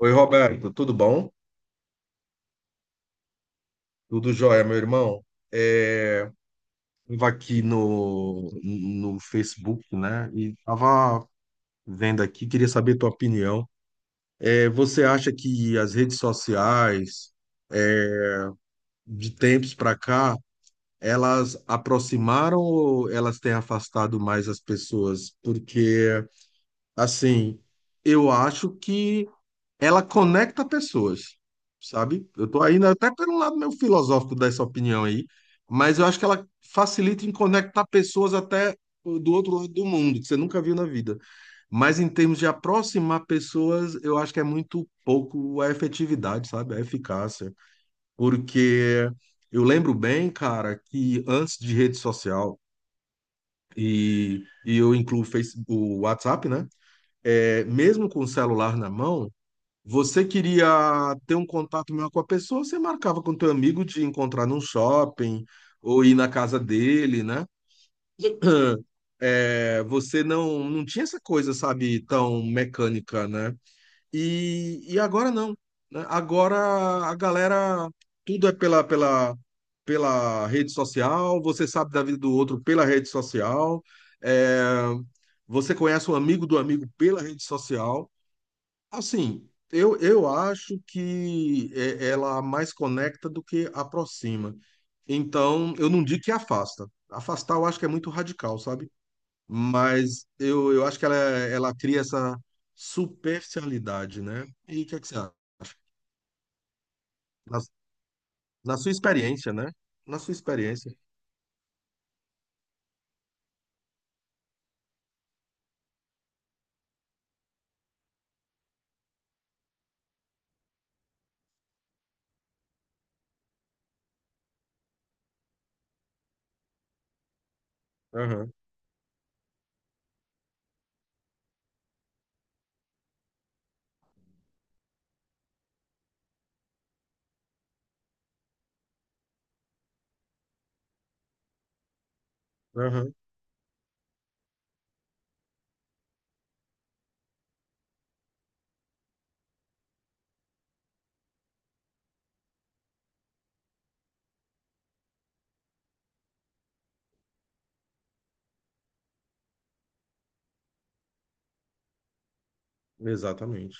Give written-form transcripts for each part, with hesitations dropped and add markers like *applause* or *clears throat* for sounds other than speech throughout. Oi, Roberto, tudo bom? Tudo jóia, meu irmão? É, Estava aqui no Facebook, né? E estava vendo aqui, queria saber tua opinião. Você acha que as redes sociais, de tempos para cá, elas aproximaram ou elas têm afastado mais as pessoas? Porque, assim, eu acho que ela conecta pessoas, sabe? Eu tô ainda até pelo lado meio filosófico dessa opinião aí, mas eu acho que ela facilita em conectar pessoas até do outro lado do mundo, que você nunca viu na vida. Mas em termos de aproximar pessoas, eu acho que é muito pouco a efetividade, sabe? A eficácia. Porque eu lembro bem, cara, que antes de rede social, e eu incluo o o WhatsApp, né? É, mesmo com o celular na mão, você queria ter um contato melhor com a pessoa, você marcava com teu amigo de encontrar num shopping ou ir na casa dele, né? *clears throat* É, você não tinha essa coisa, sabe, tão mecânica, né? E agora não, né? Agora a galera, tudo é pela rede social, você sabe da vida do outro pela rede social, é, você conhece um amigo do amigo pela rede social. Assim, eu acho que ela mais conecta do que aproxima. Então, eu não digo que afasta. Afastar eu acho que é muito radical, sabe? Mas eu acho que ela cria essa superficialidade, né? E o que é que você acha? Na, na sua experiência, né? Na sua experiência. Aham, aham, exatamente.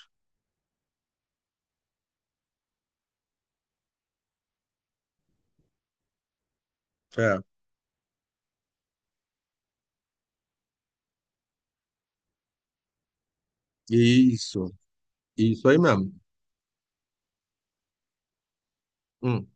É, isso, isso aí mesmo. Hum,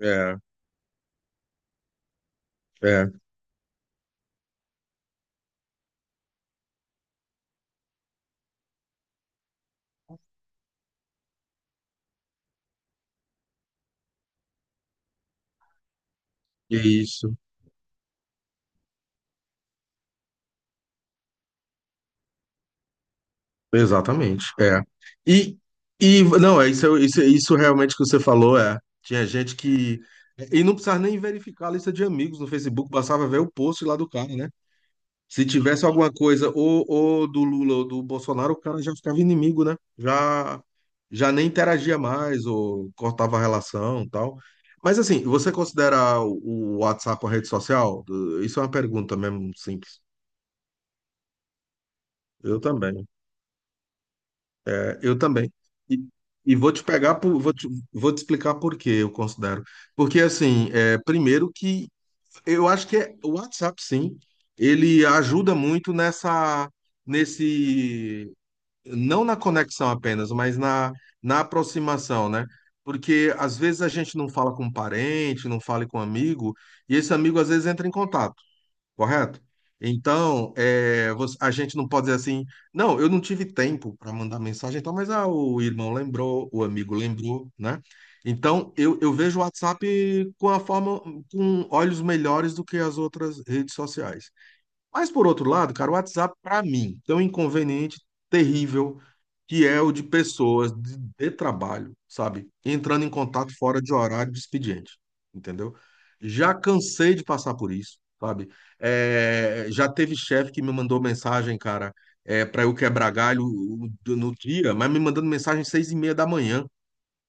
é, é, isso. Exatamente, é. E, e não, é isso, isso, isso realmente que você falou, é. Tinha gente que. E não precisava nem verificar a lista de amigos no Facebook, bastava ver o post lá do cara, né? Se tivesse alguma coisa ou do Lula ou do Bolsonaro, o cara já ficava inimigo, né? Já, já nem interagia mais ou cortava a relação e tal. Mas assim, você considera o WhatsApp uma rede social? Isso é uma pergunta mesmo simples. Eu também. É, eu também. E, e vou te pegar vou te explicar por que eu considero. Porque assim, é, primeiro que eu acho que é, o WhatsApp, sim, ele ajuda muito nesse, não na conexão apenas, mas na aproximação, né? Porque às vezes a gente não fala com um parente, não fala com um amigo, e esse amigo às vezes entra em contato correto? Então, é, você- a gente não pode dizer assim, não, eu não tive tempo para mandar mensagem, então, mas ah, o irmão lembrou, o amigo lembrou, né? Então, eu vejo o WhatsApp com a forma, com olhos melhores do que as outras redes sociais. Mas por outro lado, cara, o WhatsApp, para mim, tem um inconveniente terrível que é o de pessoas de trabalho, sabe? Entrando em contato fora de horário de expediente, entendeu? Já cansei de passar por isso, sabe? É, já teve chefe que me mandou mensagem, cara, é, para eu quebrar galho no dia, mas me mandando mensagem às seis e meia da manhã,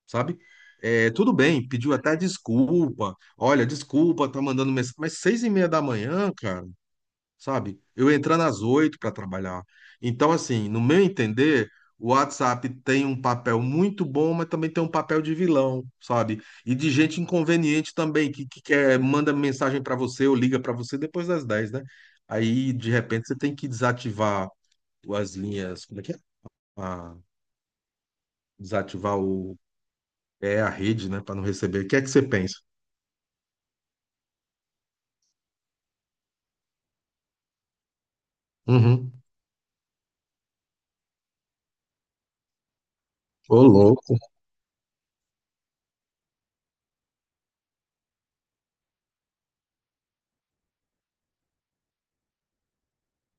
sabe? É, tudo bem, pediu até desculpa. Olha, desculpa, tá mandando mensagem, mas seis e meia da manhã, cara, sabe? Eu entrando às oito para trabalhar. Então, assim, no meu entender, o WhatsApp tem um papel muito bom, mas também tem um papel de vilão, sabe? E de gente inconveniente também, que quer, manda mensagem para você ou liga para você depois das dez, né? Aí, de repente, você tem que desativar as linhas, como é que é? Ah, desativar o, é a rede, né, para não receber. O que é que você pensa? Uhum. Ô, louco,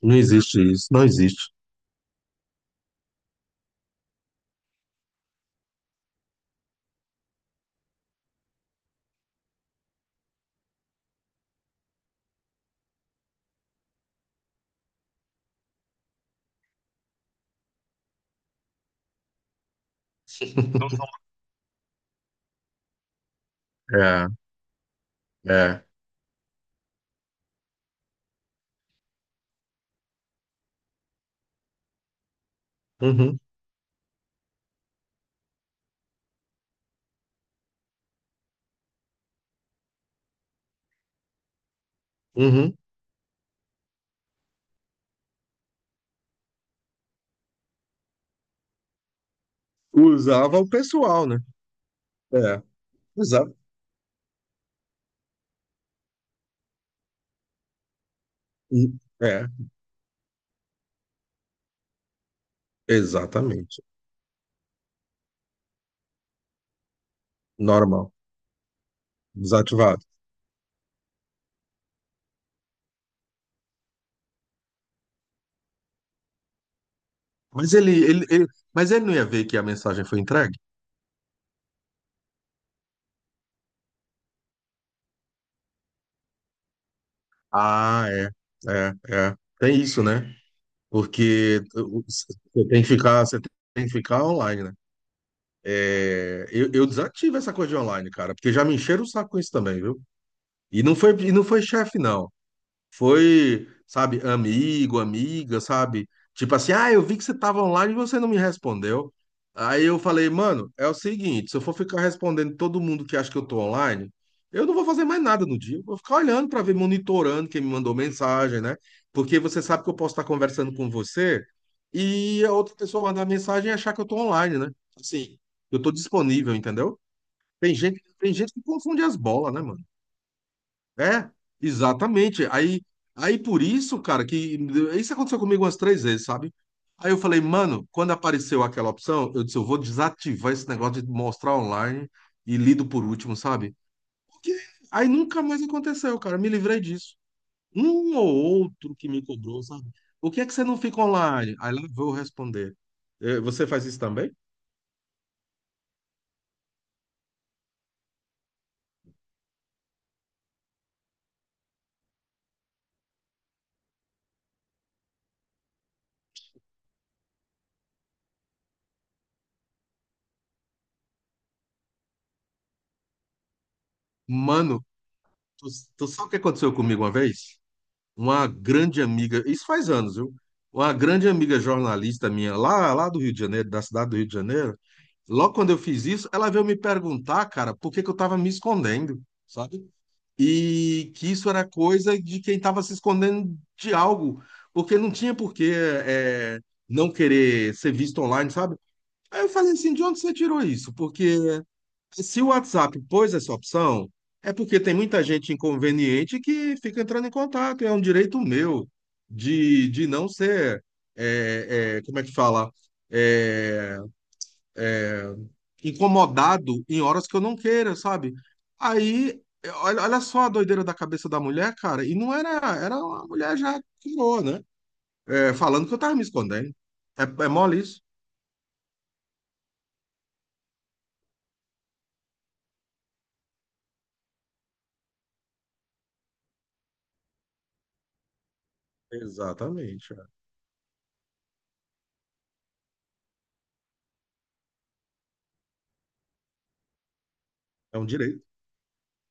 não existe isso, não existe. É, é. Uhum, uhum. Usava o pessoal, né? É, exa- é, exatamente. Normal, desativado. Mas mas ele não ia ver que a mensagem foi entregue? Ah, é, é. Tem isso, né? Porque você tem que ficar, você tem que ficar online, né? É, eu desativo essa coisa de online, cara, porque já me encheram o saco com isso também, viu? E não foi chefe, não. Foi, sabe, amigo, amiga, sabe? Tipo assim, ah, eu vi que você tava online e você não me respondeu. Aí eu falei, mano, é o seguinte, se eu for ficar respondendo todo mundo que acha que eu tô online, eu não vou fazer mais nada no dia. Eu vou ficar olhando pra ver, monitorando quem me mandou mensagem, né? Porque você sabe que eu posso estar conversando com você e a outra pessoa mandar mensagem e achar que eu tô online, né? Assim, eu tô disponível, entendeu? Tem gente que confunde as bolas, né, mano? É, exatamente. Aí por isso, cara, que isso aconteceu comigo umas três vezes, sabe? Aí eu falei, mano, quando apareceu aquela opção, eu disse, eu vou desativar esse negócio de mostrar online e lido por último, sabe? Porque aí nunca mais aconteceu, cara. Me livrei disso. Um ou outro que me cobrou, sabe? O que é que você não fica online? Aí lá eu vou responder. Eh, você faz isso também? Mano, tu, tu sabe o que aconteceu comigo uma vez? Uma grande amiga, isso faz anos, viu? Uma grande amiga jornalista minha, lá do Rio de Janeiro, da cidade do Rio de Janeiro, logo quando eu fiz isso, ela veio me perguntar, cara, por que que eu tava me escondendo, sabe? E que isso era coisa de quem tava se escondendo de algo, porque não tinha por que é, não querer ser visto online, sabe? Aí eu falei assim, de onde você tirou isso? Porque se o WhatsApp pôs essa opção, é porque tem muita gente inconveniente que fica entrando em contato. É um direito meu de não ser, como é que fala, é, incomodado em horas que eu não queira, sabe? Aí, olha, olha só a doideira da cabeça da mulher, cara. E não era, era uma mulher já curou, né? É, falando que eu tava me escondendo. É, é mole isso? Exatamente. É. É um direito.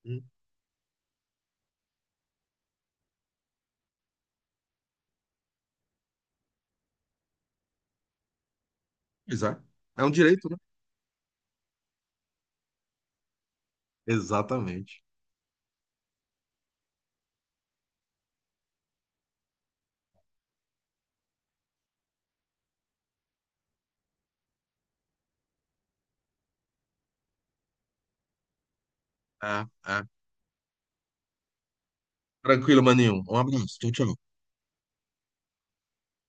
Hum, Pois é. É um direito, né? Exatamente. É, é. Tranquilo, maninho. Um abraço. Tchau, tchau.